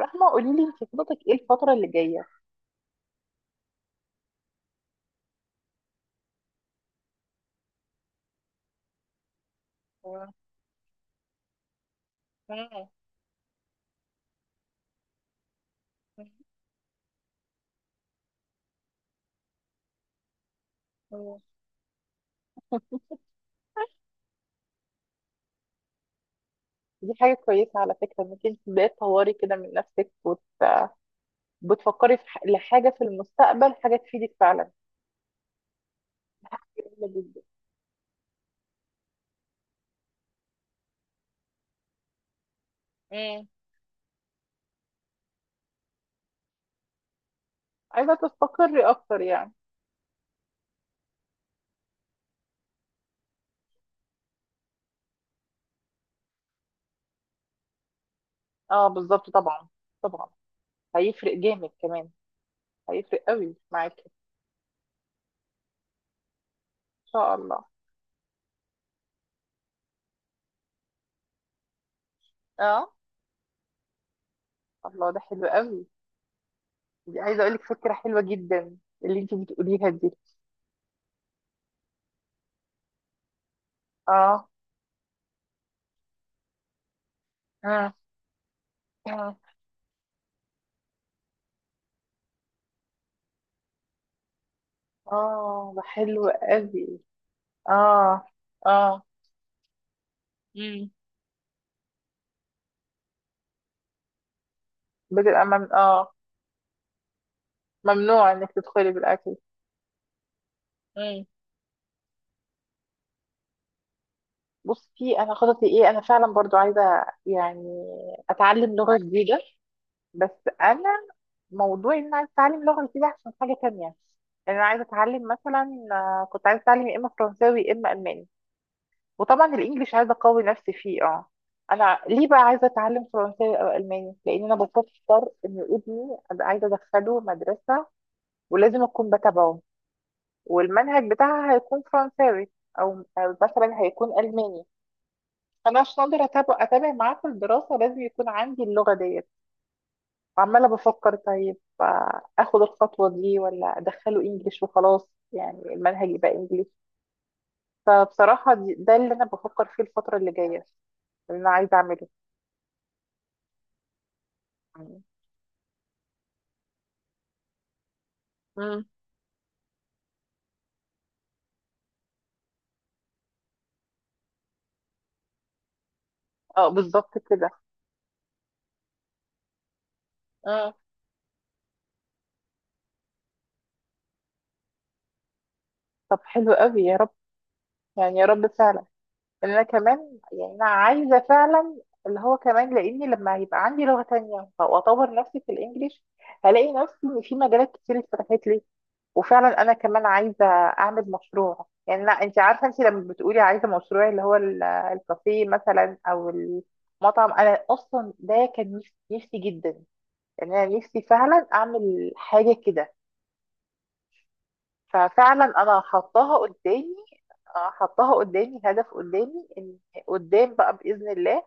رحمة، قولي لي انت خططك ايه الفترة اللي جاية؟ مم. دي حاجة كويسة على فكرة انك انت تبدأي تطوري كده من نفسك بتفكري في لحاجة في المستقبل، حاجة تفيدك فعلا. جميلة جدا. مم. عايزة تستقري اكتر يعني. اه بالظبط طبعا، طبعا هيفرق جامد كمان، هيفرق قوي معاكي ان شاء الله. اه الله ده حلو قوي، دي عايزة اقولك فكرة حلوة جدا اللي انت بتقوليها دي. اه مم. مم. اه ده حلو قوي. اه اه امم بتبقى اه ممنوع انك تدخلي بالاكل. امم بصي انا خططي ايه، انا فعلا برضو عايزه يعني اتعلم لغه جديده، بس انا موضوع ان انا عايزه اتعلم لغه جديده عشان حاجه تانية. يعني انا عايزه اتعلم مثلا، كنت عايزه اتعلم يا اما فرنساوي يا اما الماني، وطبعا الانجليش عايزه اقوي نفسي فيه اه. انا ليه بقى عايزه اتعلم فرنساوي او الماني؟ لان انا بفكر ان ابني ابقى عايزه ادخله مدرسه، ولازم اكون بتابعه، والمنهج بتاعها هيكون فرنساوي او مثلا هيكون الماني. فانا عشان اقدر اتابع معاه في الدراسه لازم يكون عندي اللغه ديت. وعماله بفكر طيب، اخد الخطوه دي ولا ادخله انجليش وخلاص، يعني المنهج يبقى انجليش. فبصراحه ده اللي انا بفكر فيه الفتره اللي جايه، اللي انا عايزه اعمله. امم اه بالظبط كده اه. طب حلو قوي يا رب، يعني يا رب فعلا، ان انا كمان يعني انا عايزه فعلا، اللي هو كمان، لاني لما هيبقى عندي لغه تانية واطور نفسي في الانجليش هلاقي نفسي ان في مجالات كتير اتفتحت لي. وفعلا انا كمان عايزه اعمل مشروع، يعني لا انت عارفه، انت لما بتقولي عايزه مشروع اللي هو الكافيه مثلا او المطعم، انا اصلا ده كان نفسي نفسي جدا ان انا نفسي فعلا اعمل حاجه كده. ففعلا انا حطاها قدامي، حطاها قدامي هدف قدامي ان قدام بقى باذن الله.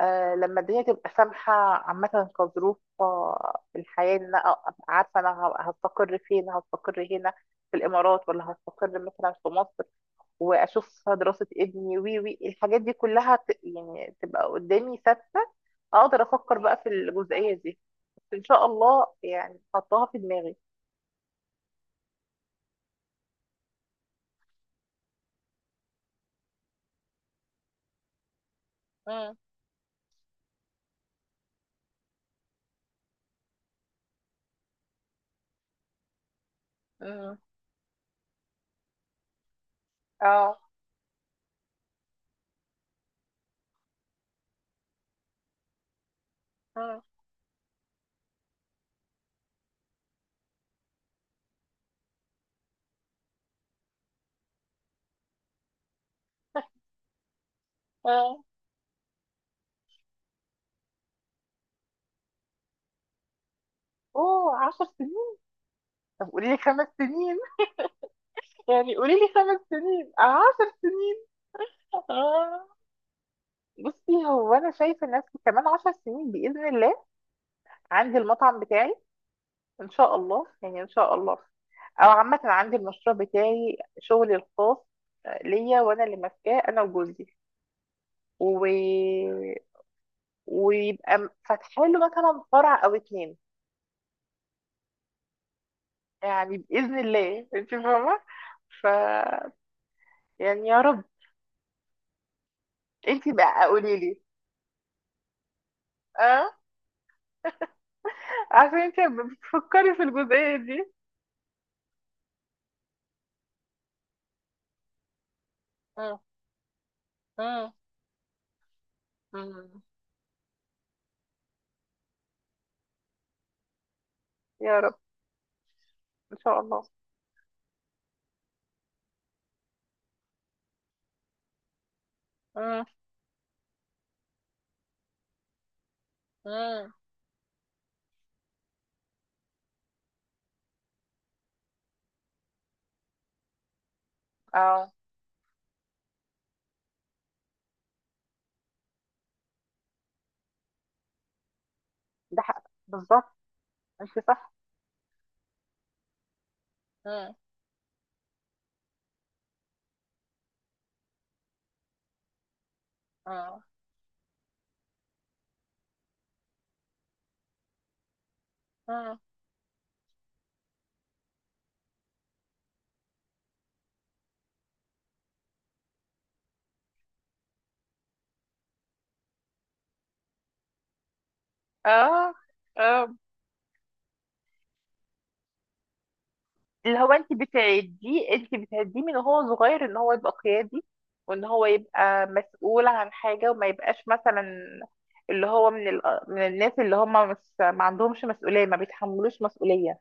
آه لما الدنيا تبقى سامحة عامة كظروف، الحياة، إن أنا أبقى عارفة أنا هستقر فين، هستقر هنا في الإمارات ولا هستقر مثلا في مصر، وأشوف دراسة ابني وي وي الحاجات دي كلها يعني تبقى قدامي ثابتة، أقدر أفكر بقى في الجزئية دي. بس إن شاء الله يعني حطها في دماغي. مم. مم. اه مم. اه اوه 10 سنين، طب قولي لي 5 سنين. يعني قولي لي 5 سنين 10 سنين. اه بصي هو انا شايفه نفسي كمان 10 سنين باذن الله عندي المطعم بتاعي، ان شاء الله يعني ان شاء الله، او عامه عندي المشروع بتاعي شغلي الخاص، ليا وانا اللي ماسكاه انا وجوزي و... ويبقى فاتحه له مثلا فرع او اتنين. يعني باذن الله انت فاهمه. ف يعني يا رب. انت بقى قولي لي. اه عشان انت بتفكري في الجزئيه دي. مم. مم. مم. يا رب ان شاء الله اه اه ده حق بالظبط انت صح اه اه اه اه اه اللي هو انت بتعديه من هو صغير ان هو يبقى قيادي، وان هو يبقى مسؤول عن حاجة وما يبقاش مثلا اللي هو من الناس اللي هم مش ما عندهمش مسؤولية ما بيتحملوش مسؤولية.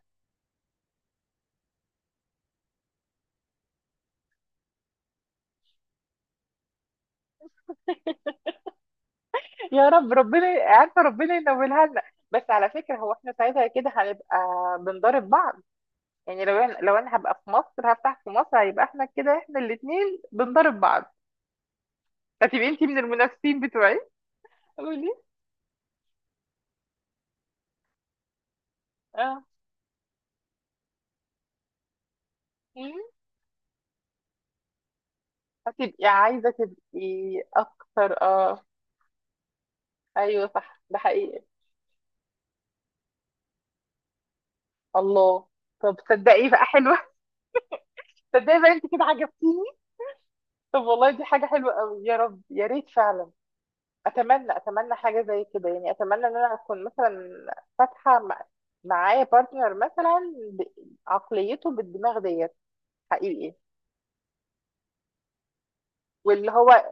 يا رب ربنا عارفة ربنا ينولها لنا. بس على فكرة هو احنا ساعتها كده هنبقى بنضارب بعض، يعني لو انا هبقى في مصر هفتح في مصر هيبقى احنا كده احنا الاتنين بنضرب بعض، هتبقي انتي من المنافسين بتوعي. قولي اه مم. هتبقي عايزة تبقي اكتر اه. ايوه صح ده حقيقي الله. طب تصدقي بقى حلوة، تصدقي بقى انت كده عجبتيني. طب والله دي حاجة حلوة قوي يا رب يا ريت فعلا. اتمنى حاجة زي كده، يعني اتمنى ان انا اكون مثلا فاتحة معايا بارتنر مثلا ب- عقليته بالدماغ ديت حقيقي. واللي هو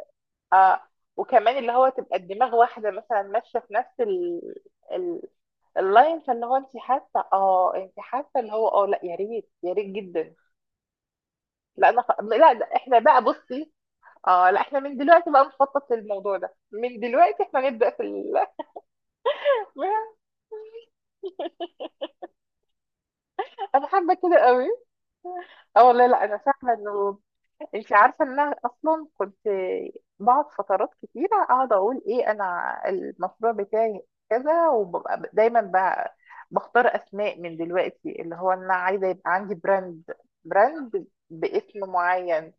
اه وكمان اللي هو تبقى الدماغ واحدة مثلا ماشية في نفس ال... اللاين، فاللي هو انت حاسة اللي هو اه، لا يا ريت يا ريت جدا. لا انا لا ده احنا بقى بصي، اه لا احنا من دلوقتي بقى نخطط للموضوع ده، من دلوقتي احنا نبدأ في انا حابة كده قوي اه والله. لا انا فاهمة انه انت عارفه ان انا اصلا كنت بقعد فترات كتيره اقعد اقول ايه انا المشروع بتاعي كذا، وببقى دايما بقى بختار اسماء من دلوقتي، اللي هو انا عايزه يبقى عندي براند، براند باسم معين.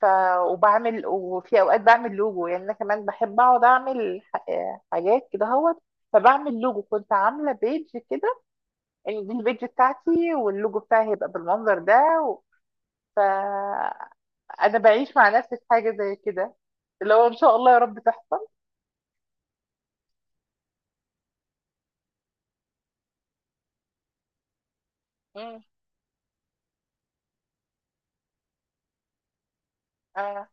ف وبعمل وفي اوقات بعمل لوجو، يعني انا كمان بحب اقعد اعمل حاجات كده اهوت. فبعمل لوجو كنت عامله بيج كده ان دي البيج بتاعتي واللوجو بتاعي هيبقى بالمنظر ده. انا بعيش مع نفسي في حاجه زي كده اللي هو ان شاء الله يا رب تحصل. مم. اه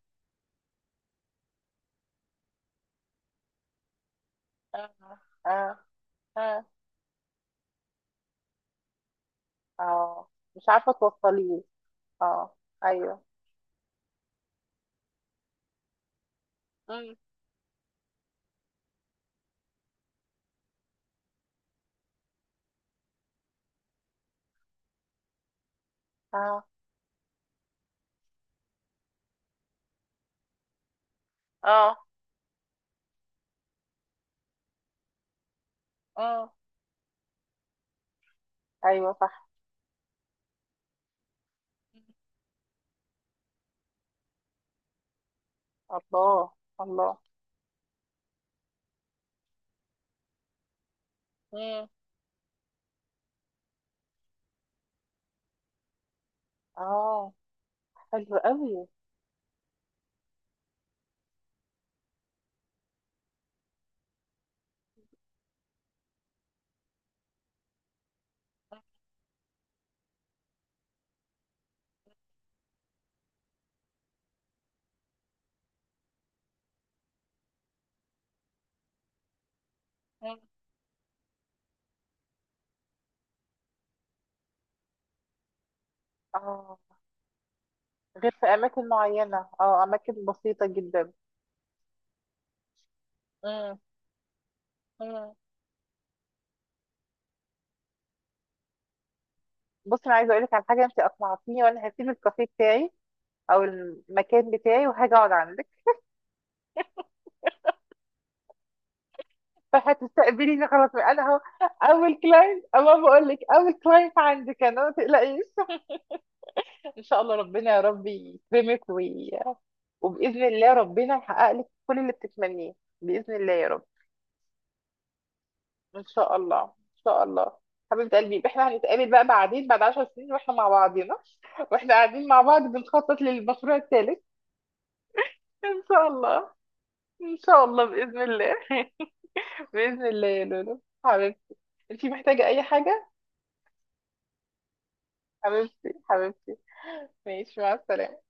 اه اه اه اه مش عارفه توصليه اه ايوه مم. اه اه اه ايوه صح الله الله مم. اه حلو قوي مم. اه غير في اماكن معينه اه اماكن بسيطه جدا مم. مم. بصي انا عايزه اقول لك على حاجه، انت اقنعتيني وانا هسيب الكافيه بتاعي او المكان بتاعي وهاجي اقعد عندك، فهتستقبليني خلاص انا اهو اول كلاينت، اما بقول لك اول كلاينت عندك انا ما تقلقيش. ان شاء الله ربنا يا رب يكرمك وباذن الله ربنا يحقق لك كل اللي بتتمنيه، باذن الله يا رب. ان شاء الله ان شاء الله حبيبه قلبي، يبقى احنا هنتقابل بقى بعدين بعد 10 سنين واحنا مع بعضينا، واحنا قاعدين مع بعض بنخطط للمشروع الثالث. ان شاء الله ان شاء الله باذن الله. باذن الله يا لولو حبيبتي. انتي محتاجه اي حاجه؟ حبيبتي حبيبتي ماشي مع السلامة.